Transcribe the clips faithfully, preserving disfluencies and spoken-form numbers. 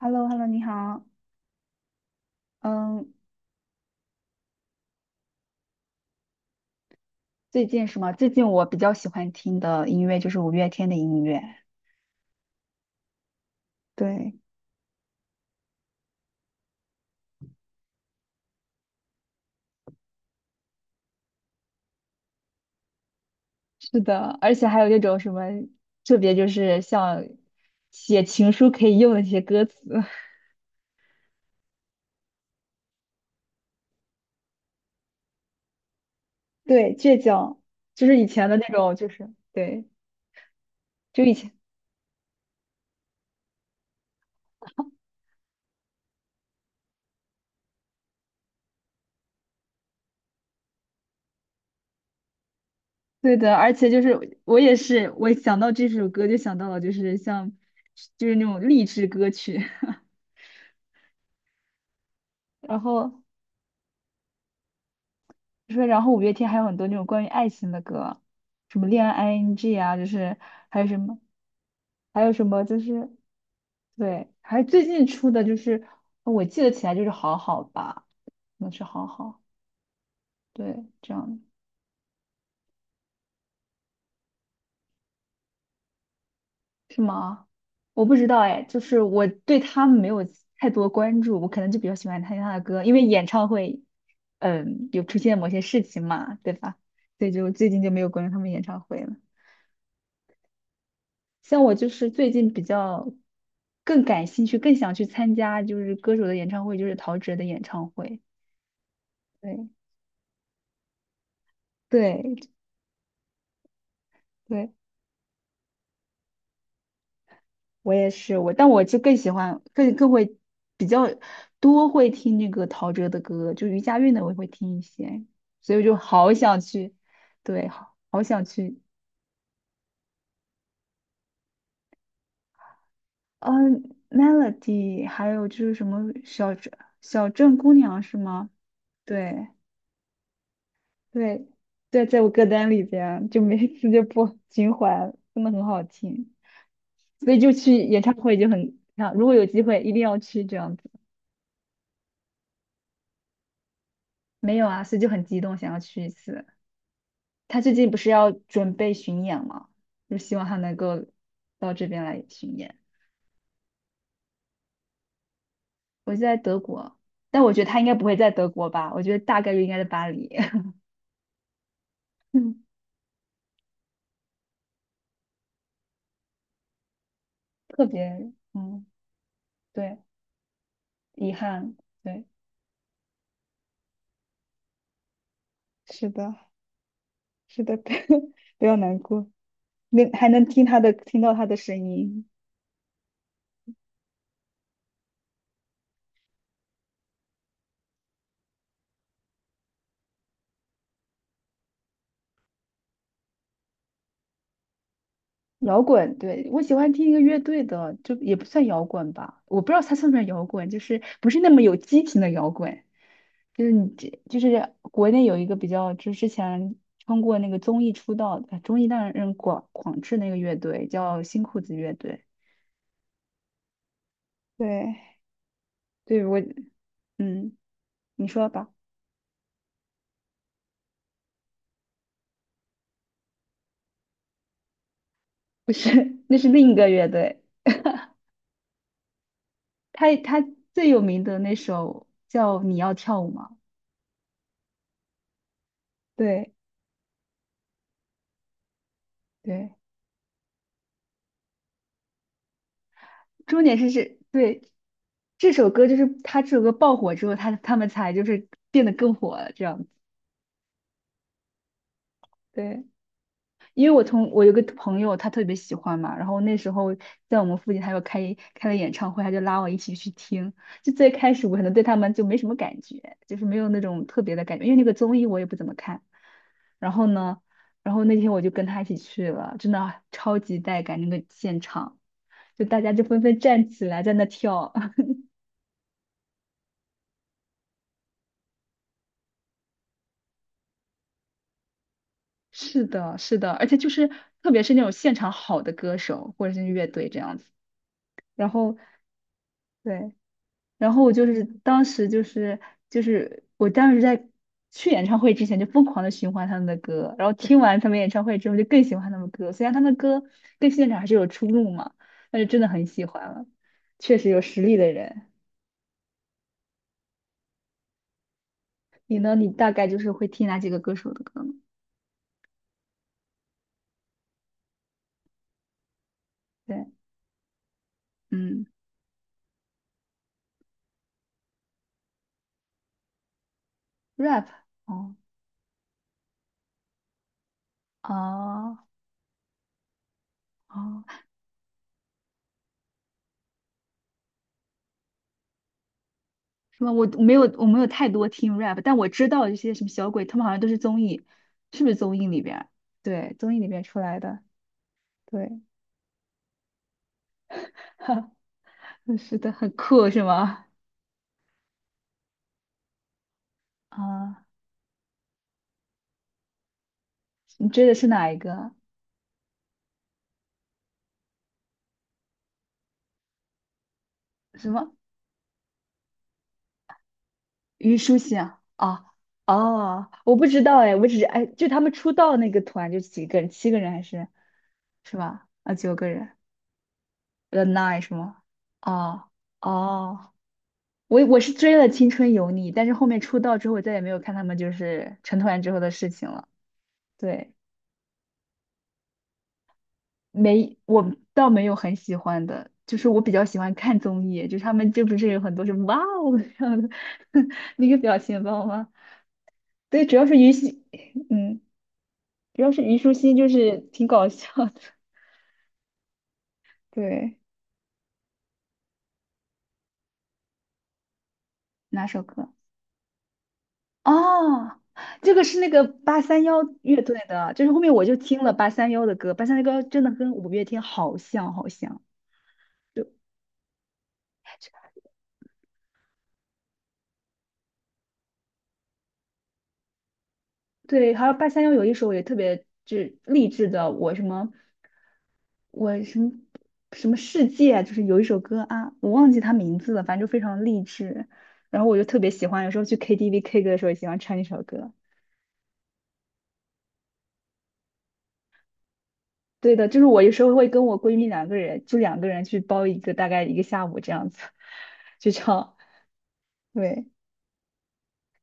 h e l l o h e l l o 你好。嗯。最近是吗？最近我比较喜欢听的音乐就是五月天的音乐。对，是的，而且还有那种什么特别，就是像写情书可以用的一些歌词。对，倔强，就是以前的那种，就是对，就以前对的，而且就是我也是，我想到这首歌就想到了，就是像就是那种励志歌曲。然后就是然后五月天还有很多那种关于爱情的歌，什么恋爱 I N G 啊，就是还有什么还有什么就是对，还有最近出的就是我记得起来就是好好吧，那是好好，对，这样是吗？我不知道哎，就是我对他们没有太多关注，我可能就比较喜欢听他的歌，因为演唱会，嗯，有出现某些事情嘛，对吧？所以就最近就没有关注他们演唱会了。像我就是最近比较更感兴趣，更想去参加就是歌手的演唱会，就是陶喆的演唱会。对对对，我也是我，但我就更喜欢更更会比较多会听那个陶喆的歌，就余佳运的我也会听一些，所以我就好想去，对，好好想去。嗯，Melody，还有就是什么小镇小镇姑娘是吗？对。对，对，在我歌单里边，就每次就播情怀》，真的很好听，所以就去演唱会就很，啊，如果有机会一定要去这样子。没有啊，所以就很激动，想要去一次。他最近不是要准备巡演嘛，就希望他能够到这边来巡演。我就在德国，但我觉得他应该不会在德国吧，我觉得大概率应该在巴黎。嗯，特别，嗯，对，遗憾，对，是的，是的，不要难过。那还能听他的，听到他的声音。摇滚，对，我喜欢听一个乐队的，就也不算摇滚吧，我不知道它算不算摇滚，就是不是那么有激情的摇滚，就是你这就是国内有一个比较，就是之前通过那个综艺出道的，综艺让人广广志那个乐队叫新裤子乐队，对，对我，嗯，你说吧，不是，那是另一个乐队，他他最有名的那首叫《你要跳舞吗》，对，对。重点是这对这首歌，就是他这首歌爆火之后，他他们才就是变得更火了这样子。对，因为我同我有个朋友，他特别喜欢嘛，然后那时候在我们附近，他有开开了演唱会，他就拉我一起去听。就最开始我可能对他们就没什么感觉，就是没有那种特别的感觉，因为那个综艺我也不怎么看。然后呢，然后那天我就跟他一起去了，真的超级带感，那个现场就大家就纷纷站起来在那跳。是的，是的，而且就是特别是那种现场好的歌手或者是乐队这样子，然后对，然后我就是当时就是就是我当时在去演唱会之前就疯狂的循环他们的歌，然后听完他们演唱会之后就更喜欢他们歌，虽然他们歌跟现场还是有出入嘛，但是真的很喜欢了，确实有实力的人。你呢？你大概就是会听哪几个歌手的歌呢？对，嗯，rap，哦，啊，哦。什么？我没有，我没有太多听 rap，但我知道一些什么小鬼，他们好像都是综艺，是不是综艺里边儿对，综艺里边出来的。对，是的，很酷是吗？啊，你追的是哪一个？什么？虞书欣啊？啊，哦，我不知道哎，我只是哎，就他们出道那个团就几个人，七个人还是是吧？啊，九个人，The Nine 是吗？哦哦我我是追了《青春有你》，但是后面出道之后，我再也没有看他们就是成团之后的事情了。对，没，我倒没有很喜欢的，就是我比较喜欢看综艺，就是他们就不是有很多是哇哦这样的 那个表情包吗？对，主要是虞兮，嗯，主要是虞书欣，就是挺搞笑的。对，哪首歌？哦，这个是那个八三幺乐队的，就是后面我就听了八三幺的歌，八三幺的歌真的跟五月天好像，好像。就。对，还有八三幺有一首也特别就是励志的，我什么我什么什么世界啊，就是有一首歌啊，我忘记它名字了，反正就非常励志。然后我就特别喜欢，有时候去 K T V K 歌的时候也喜欢唱一首歌。对的，就是我有时候会跟我闺蜜两个人，就两个人去包一个大概一个下午这样子，去唱。对。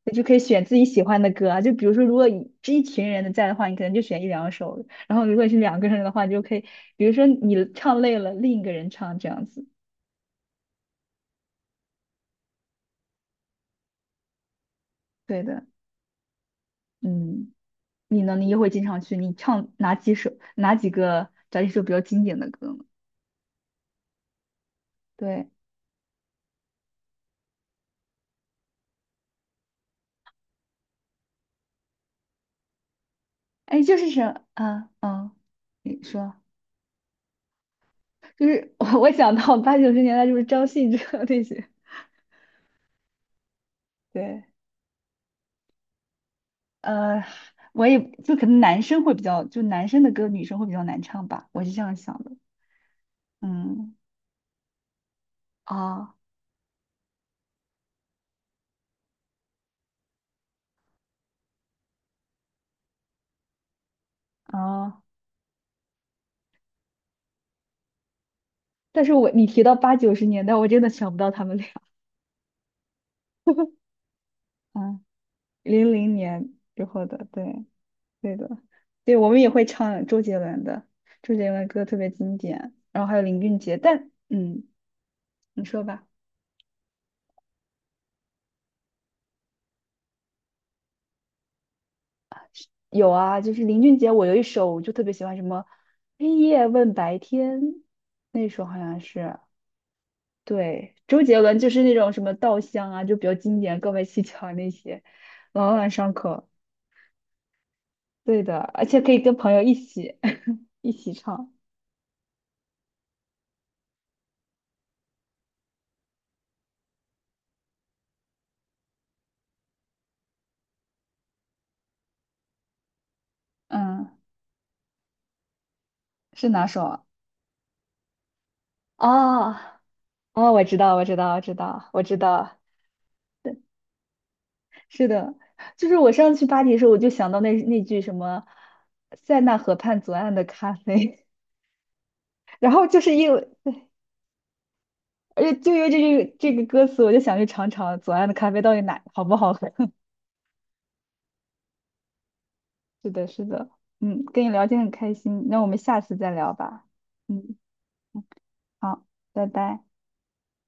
你就可以选自己喜欢的歌啊，就比如说，如果你是一群人的在的话，你可能就选一两首；然后如果是两个人的话，你就可以，比如说你唱累了，另一个人唱这样子。对的，嗯，你呢？你也会经常去，你唱哪几首、哪几个找几首比较经典的歌呢？对，哎，就是什啊，嗯，你说，就是我我想到八九十年代就是张信哲那些，对，呃，我也就可能男生会比较，就男生的歌女生会比较难唱吧，我是这样想的。嗯，啊，啊！但是我你提到八九十年代，我真的想不到他们俩。嗯，零零年之后的，对，对的，对，我们也会唱周杰伦的，周杰伦的歌特别经典，然后还有林俊杰，但嗯，你说吧。有啊，就是林俊杰，我有一首我就特别喜欢，什么黑夜问白天，那首好像是。对，周杰伦就是那种什么稻香啊，就比较经典，告白气球巧那些，朗朗上口。对的，而且可以跟朋友一起 一起唱。嗯，是哪首啊？哦哦，我知道，我知道，我知道，我知道，是的，就是我上次去巴黎的时候，我就想到那那句什么"塞纳河畔左岸的咖啡"，然后就是因为，而且就因为这句这个歌词，我就想去尝尝左岸的咖啡到底哪好不好喝。是的，是的，嗯，跟你聊天很开心，那我们下次再聊吧。嗯，嗯好，拜拜。